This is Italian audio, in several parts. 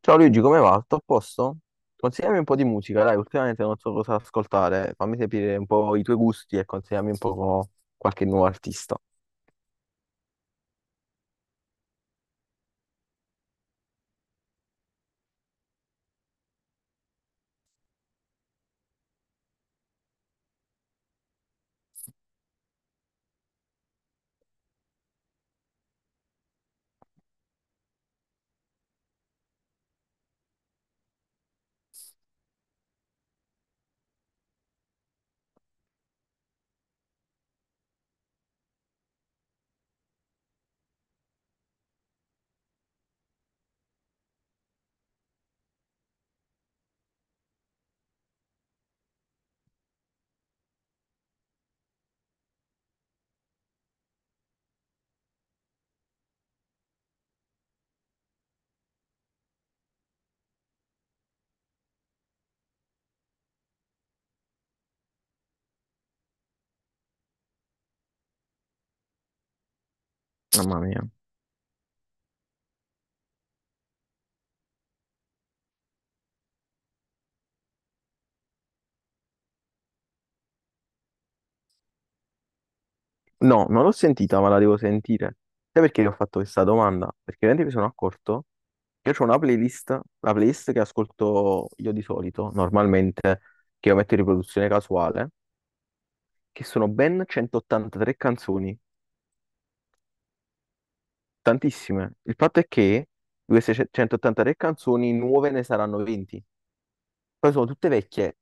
Ciao Luigi, come va? Tutto a posto? Consigliami un po' di musica, dai, ultimamente non so cosa ascoltare. Fammi sapere un po' i tuoi gusti e consigliami un po' qualche nuovo artista. Mamma mia. No, non l'ho sentita, ma la devo sentire. Sai perché ti ho fatto questa domanda? Perché veramente mi sono accorto che io ho una playlist, la playlist che ascolto io di solito, normalmente, che io metto in riproduzione casuale, che sono ben 183 canzoni, tantissime. Il fatto è che di queste 183 canzoni nuove ne saranno 20. Poi sono tutte vecchie.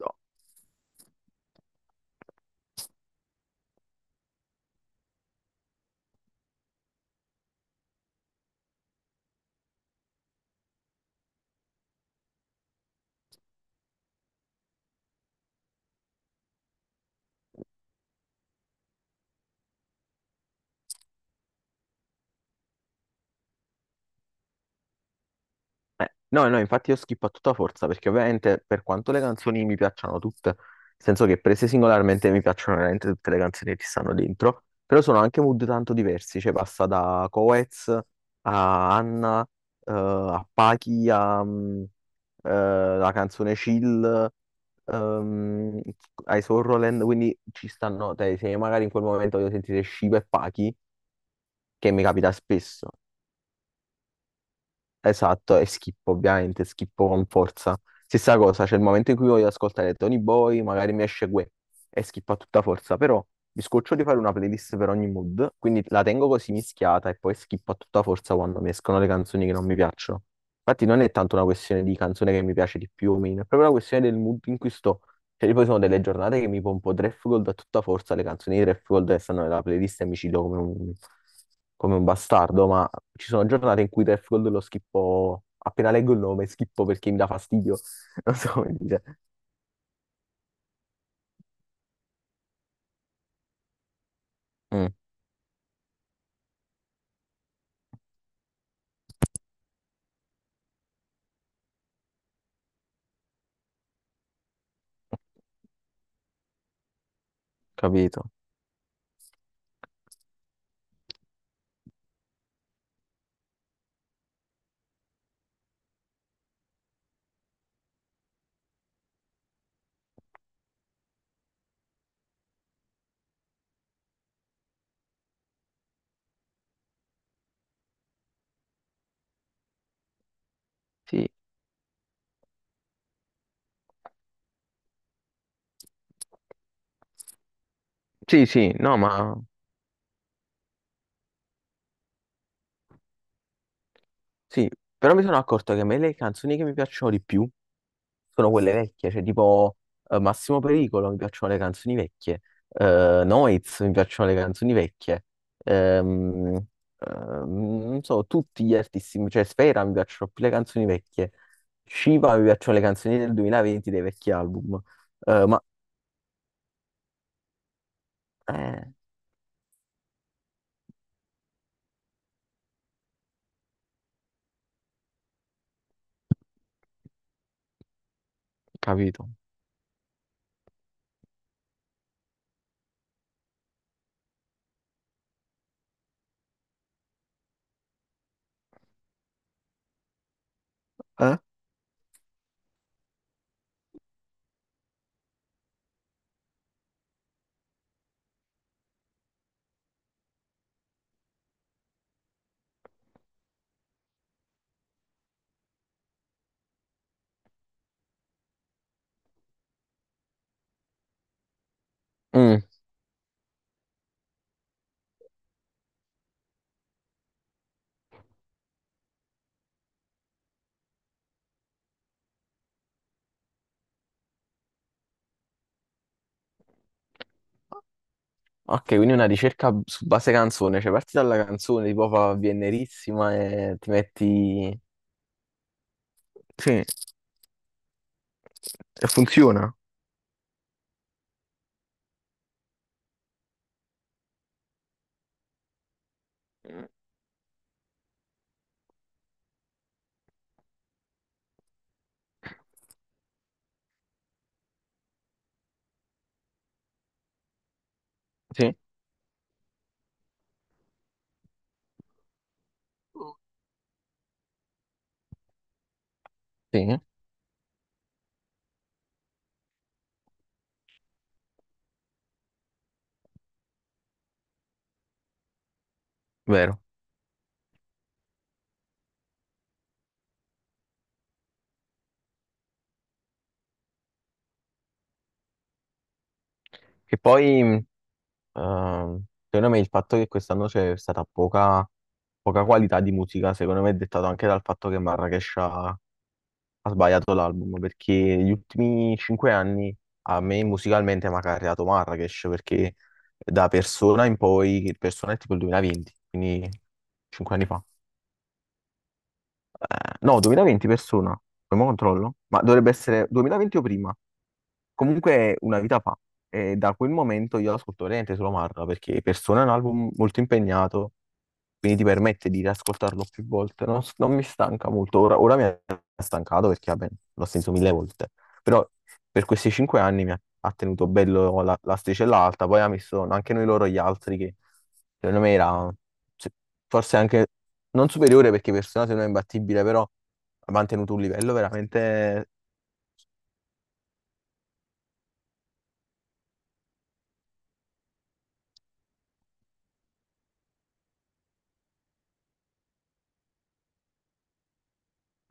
No. No, no, infatti io skippo a tutta forza perché ovviamente per quanto le canzoni mi piacciono tutte, nel senso che prese singolarmente mi piacciono veramente tutte le canzoni che ci stanno dentro, però sono anche mood tanto diversi, cioè passa da Coez a Anna, a Pachi, la canzone Chill, ehm, ai Sorroland, quindi ci stanno, te, se magari in quel momento voglio sentire Shiva e Pachi, che mi capita spesso, esatto, e schippo ovviamente, schippo con forza. Stessa cosa, c'è il momento in cui voglio ascoltare Tony Boy, magari mi esce Guè e schippo a tutta forza, però mi scoccio di fare una playlist per ogni mood, quindi la tengo così mischiata e poi schippo a tutta forza quando mi escono le canzoni che non mi piacciono. Infatti non è tanto una questione di canzone che mi piace di più o meno, è proprio una questione del mood in cui sto. Cioè, io poi sono delle giornate che mi pompo Draft Gold a tutta forza, le canzoni di Draft Gold che stanno nella playlist e mi ci do come un bastardo, ma ci sono giornate in cui Draft Gold lo schippo, appena leggo il nome, schippo perché mi dà fastidio. Non so come dire. Mm, capito. Sì. Sì, sì, no, ma sì, però mi sono accorto che a me le canzoni che mi piacciono di più sono quelle vecchie, cioè tipo Massimo Pericolo mi piacciono le canzoni vecchie, Noiz mi piacciono le canzoni vecchie, ehm, ehm, non so, tutti gli artisti, cioè Sfera mi piacciono più le canzoni vecchie, Shiva mi piacciono le canzoni del 2020 dei vecchi album, eh, ma eh, capito? Eh? Mm. Ok, quindi una ricerca su base canzone, cioè parti dalla canzone, tipo fa Viennerissima e ti metti. Sì, e funziona. Sì, sì, vero. Che poi, ehm, secondo me, il fatto che quest'anno c'è stata poca qualità di musica, secondo me è dettato anche dal fatto che Marrakesh ha sbagliato l'album perché gli ultimi 5 anni a me musicalmente mi ha carriato Marrakesh perché da Persona in poi, Persona è tipo il 2020, quindi 5 anni fa. No, 2020 persona. Poi mo controllo. Ma dovrebbe essere 2020 o prima. Comunque è una vita fa. E da quel momento io ascolto veramente solo Marra perché Persona è un album molto impegnato, quindi ti permette di riascoltarlo più volte. Non mi stanca molto. Ora mi ha stancato perché vabbè, l'ho sentito mille volte. Però per questi 5 anni mi ha tenuto bello la sticella alta, poi ha messo anche noi loro gli altri che secondo me era se- forse anche non superiore perché Personato non è imbattibile, però ha mantenuto un livello veramente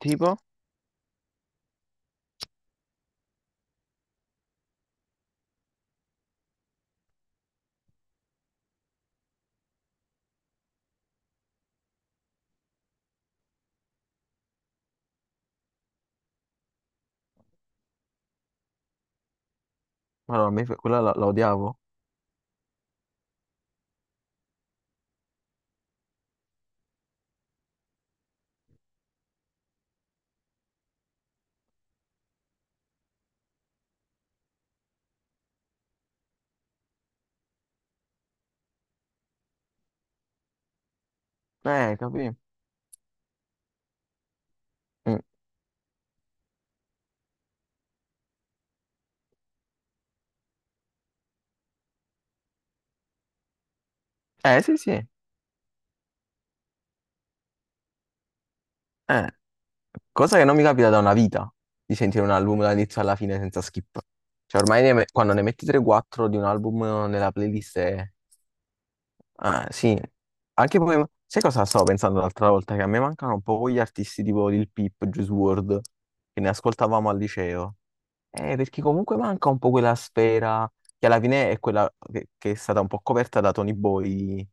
tipo, ma no, a me quella la odiavo. Capì? Mm. Sì, sì. Eh, Cosa che non mi capita da una vita di sentire un album dall'inizio alla fine senza skip. Cioè, ormai quando ne metti 3-4 di un album nella playlist è. Ah, sì. Sai cosa stavo pensando l'altra volta? Che a me mancano un po' gli artisti tipo Lil Peep, Juice WRLD, che ne ascoltavamo al liceo. Perché comunque manca un po' quella sfera che, alla fine è quella che è stata un po' coperta da Tony Boy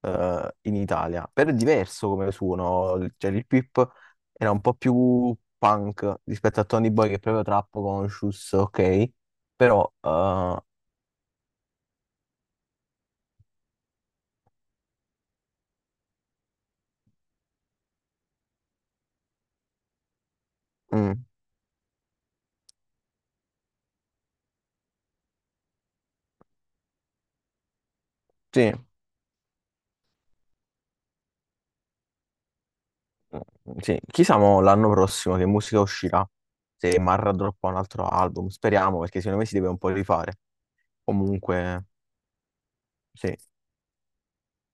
in Italia. Però è diverso come suono, cioè il Pip era un po' più punk rispetto a Tony Boy che è proprio trap conscious, ok? Però, mm, sì, sì. Chissà mo l'anno prossimo che musica uscirà, se Marra droppa un altro album, speriamo perché secondo me si deve un po' rifare. Comunque, sì.